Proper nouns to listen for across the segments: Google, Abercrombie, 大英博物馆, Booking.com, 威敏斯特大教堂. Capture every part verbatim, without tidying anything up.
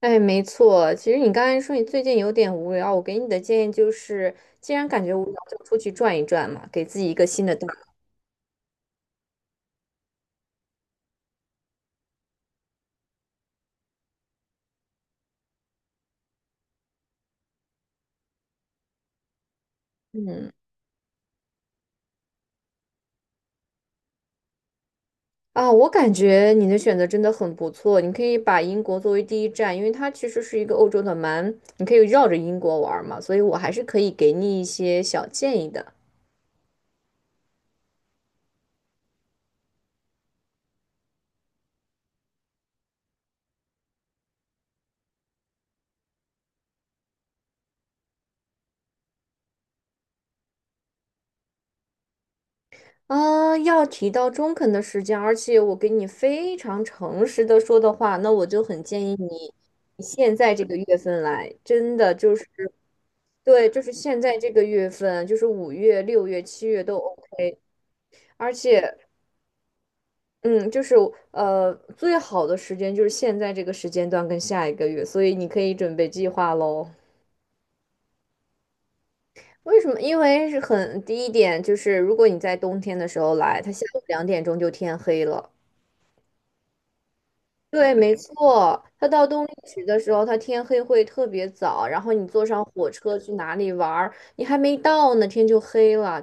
哎，没错。其实你刚才说你最近有点无聊，我给你的建议就是，既然感觉无聊，就出去转一转嘛，给自己一个新的大脑啊。我感觉你的选择真的很不错，你可以把英国作为第一站，因为它其实是一个欧洲的蛮，你可以绕着英国玩儿嘛，所以我还是可以给你一些小建议的。啊，要提到中肯的时间，而且我给你非常诚实的说的话，那我就很建议你现在这个月份来，真的就是对，就是现在这个月份，就是五月、六月、七月都 OK，而且，嗯，就是呃，最好的时间就是现在这个时间段跟下一个月，所以你可以准备计划喽。为什么？因为是很第一点，就是如果你在冬天的时候来，它下午两点钟就天黑了。对，没错，它到冬令时的时候，它天黑会特别早，然后你坐上火车去哪里玩儿，你还没到呢，天就黑了。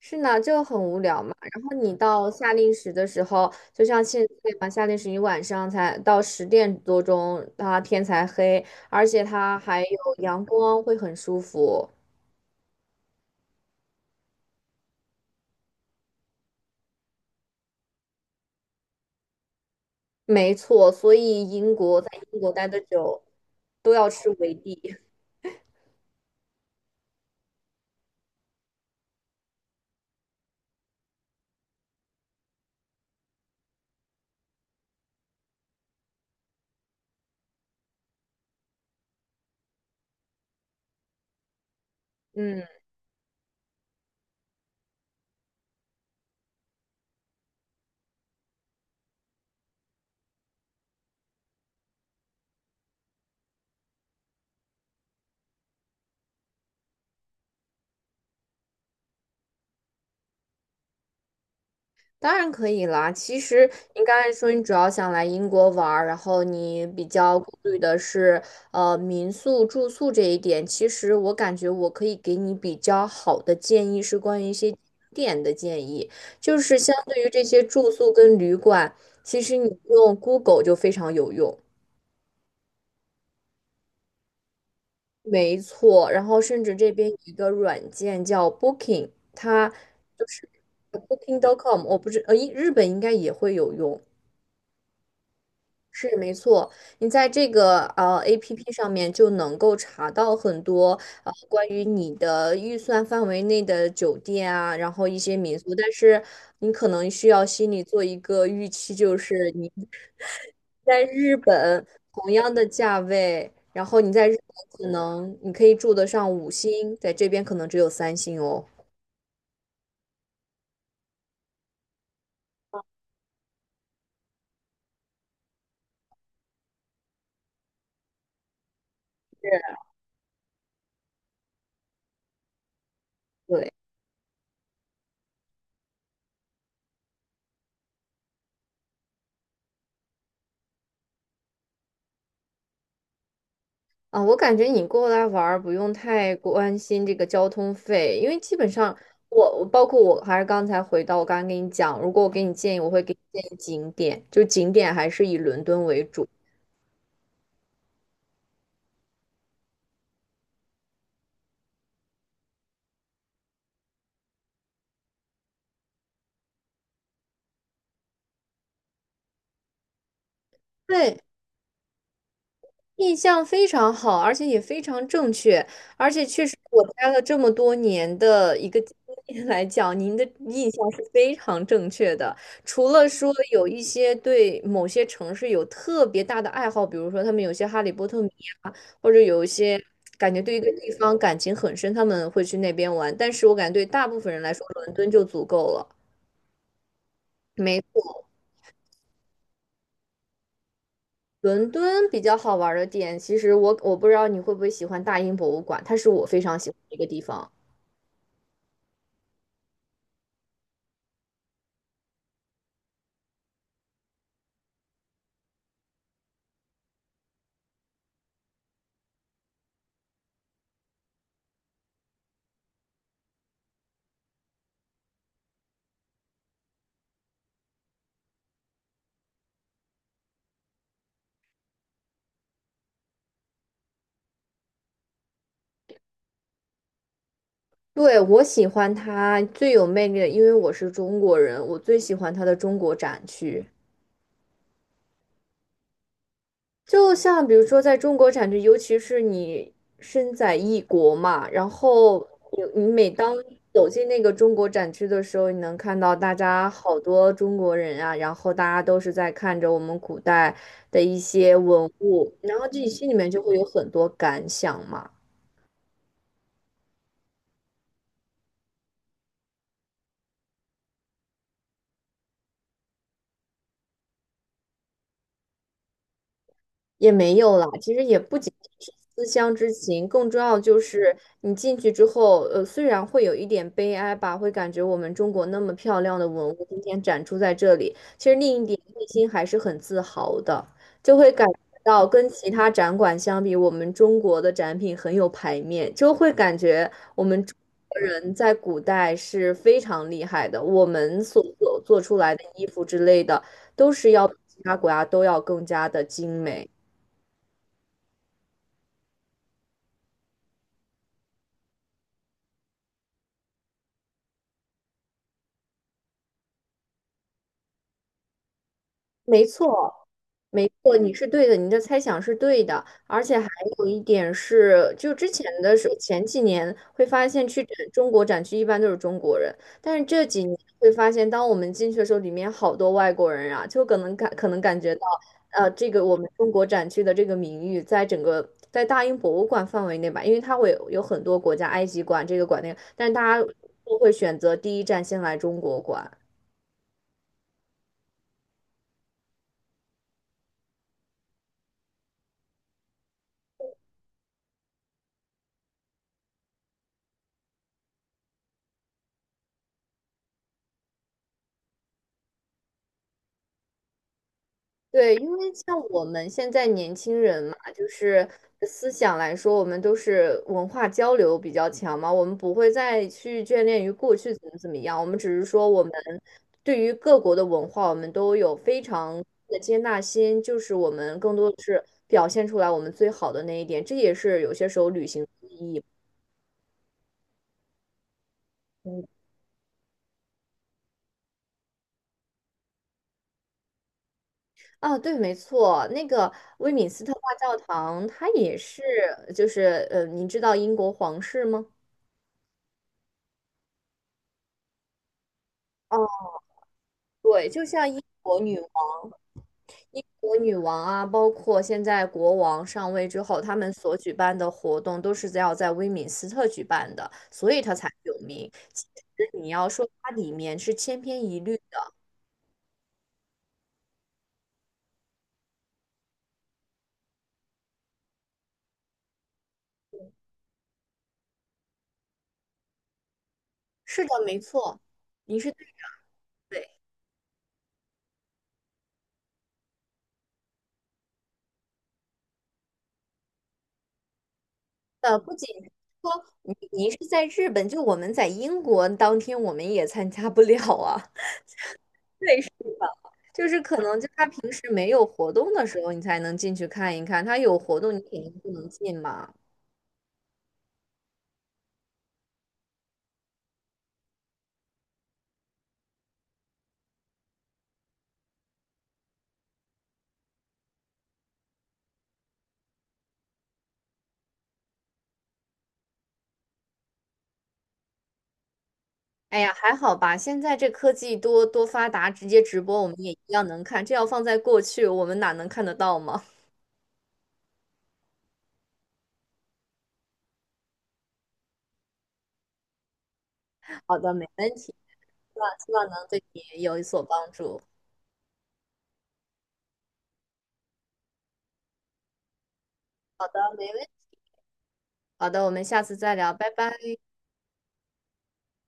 是呢，就很无聊嘛。然后你到夏令时的时候，就像现在嘛，夏令时你晚上才到十点多钟，它天才黑，而且它还有阳光，会很舒服。没错，所以英国在英国待的久，都要吃维 D。嗯。当然可以啦。其实你刚才说你主要想来英国玩儿，然后你比较顾虑的是呃民宿住宿这一点。其实我感觉我可以给你比较好的建议是关于一些景点的建议，就是相对于这些住宿跟旅馆，其实你用 Google 就非常有用。没错，然后甚至这边有一个软件叫 Booking，它就是 Booking 点 com，我不知呃，日本应该也会有用。是没错，你在这个呃 A P P 上面就能够查到很多呃关于你的预算范围内的酒店啊，然后一些民宿，但是你可能需要心里做一个预期，就是你 在日本同样的价位，然后你在日本可能你可以住得上五星，在这边可能只有三星哦。是对。啊，我感觉你过来玩儿不用太关心这个交通费，因为基本上我我包括我还是刚才回到我刚刚跟你讲，如果我给你建议，我会给你建议景点，就景点还是以伦敦为主。对，印象非常好，而且也非常正确，而且确实我待了这么多年的一个经验来讲，您的印象是非常正确的。除了说有一些对某些城市有特别大的爱好，比如说他们有些哈利波特迷啊，或者有一些感觉对一个地方感情很深，他们会去那边玩。但是我感觉对大部分人来说，伦敦就足够了。没错，伦敦比较好玩儿的点，其实我我不知道你会不会喜欢大英博物馆，它是我非常喜欢的一个地方。对，我喜欢它最有魅力的，因为我是中国人，我最喜欢它的中国展区。就像比如说，在中国展区，尤其是你身在异国嘛，然后你你每当走进那个中国展区的时候，你能看到大家好多中国人啊，然后大家都是在看着我们古代的一些文物，然后自己心里面就会有很多感想嘛。也没有啦，其实也不仅仅是思乡之情，更重要就是你进去之后，呃，虽然会有一点悲哀吧，会感觉我们中国那么漂亮的文物今天展出在这里，其实另一点内心还是很自豪的，就会感觉到跟其他展馆相比，我们中国的展品很有排面，就会感觉我们中国人在古代是非常厉害的，我们所做做出来的衣服之类的，都是要比其他国家都要更加的精美。没错，没错，你是对的，你的猜想是对的，而且还有一点是，就之前的时候，前几年会发现去展中国展区一般都是中国人，但是这几年会发现，当我们进去的时候，里面好多外国人啊，就可能感可能感觉到，呃，这个我们中国展区的这个名誉，在整个在大英博物馆范围内吧，因为它会有很多国家，埃及馆这个馆那个，但是大家都会选择第一站先来中国馆。对，因为像我们现在年轻人嘛，就是思想来说，我们都是文化交流比较强嘛，我们不会再去眷恋于过去怎么怎么样，我们只是说我们对于各国的文化，我们都有非常的接纳心，就是我们更多的是表现出来我们最好的那一点，这也是有些时候旅行的意义。嗯啊，对，没错，那个威敏斯特大教堂，它也是，就是，呃，您知道英国皇室吗？对，就像英国女王、英国女王啊，包括现在国王上位之后，他们所举办的活动都是在要在威敏斯特举办的，所以它才有名。其实你要说它里面是千篇一律的，是的，没错，你是对对的。呃不仅是说你，您是在日本，就我们在英国当天我们也参加不了啊。对，是的。就是可能就他平时没有活动的时候，你才能进去看一看。他有活动，你肯定不能进嘛。哎呀，还好吧，现在这科技多多发达，直接直播我们也一样能看。这要放在过去，我们哪能看得到吗？好的，没问题。希望希望能对你有所帮助。好的，没问题。好的，我们下次再聊，拜拜。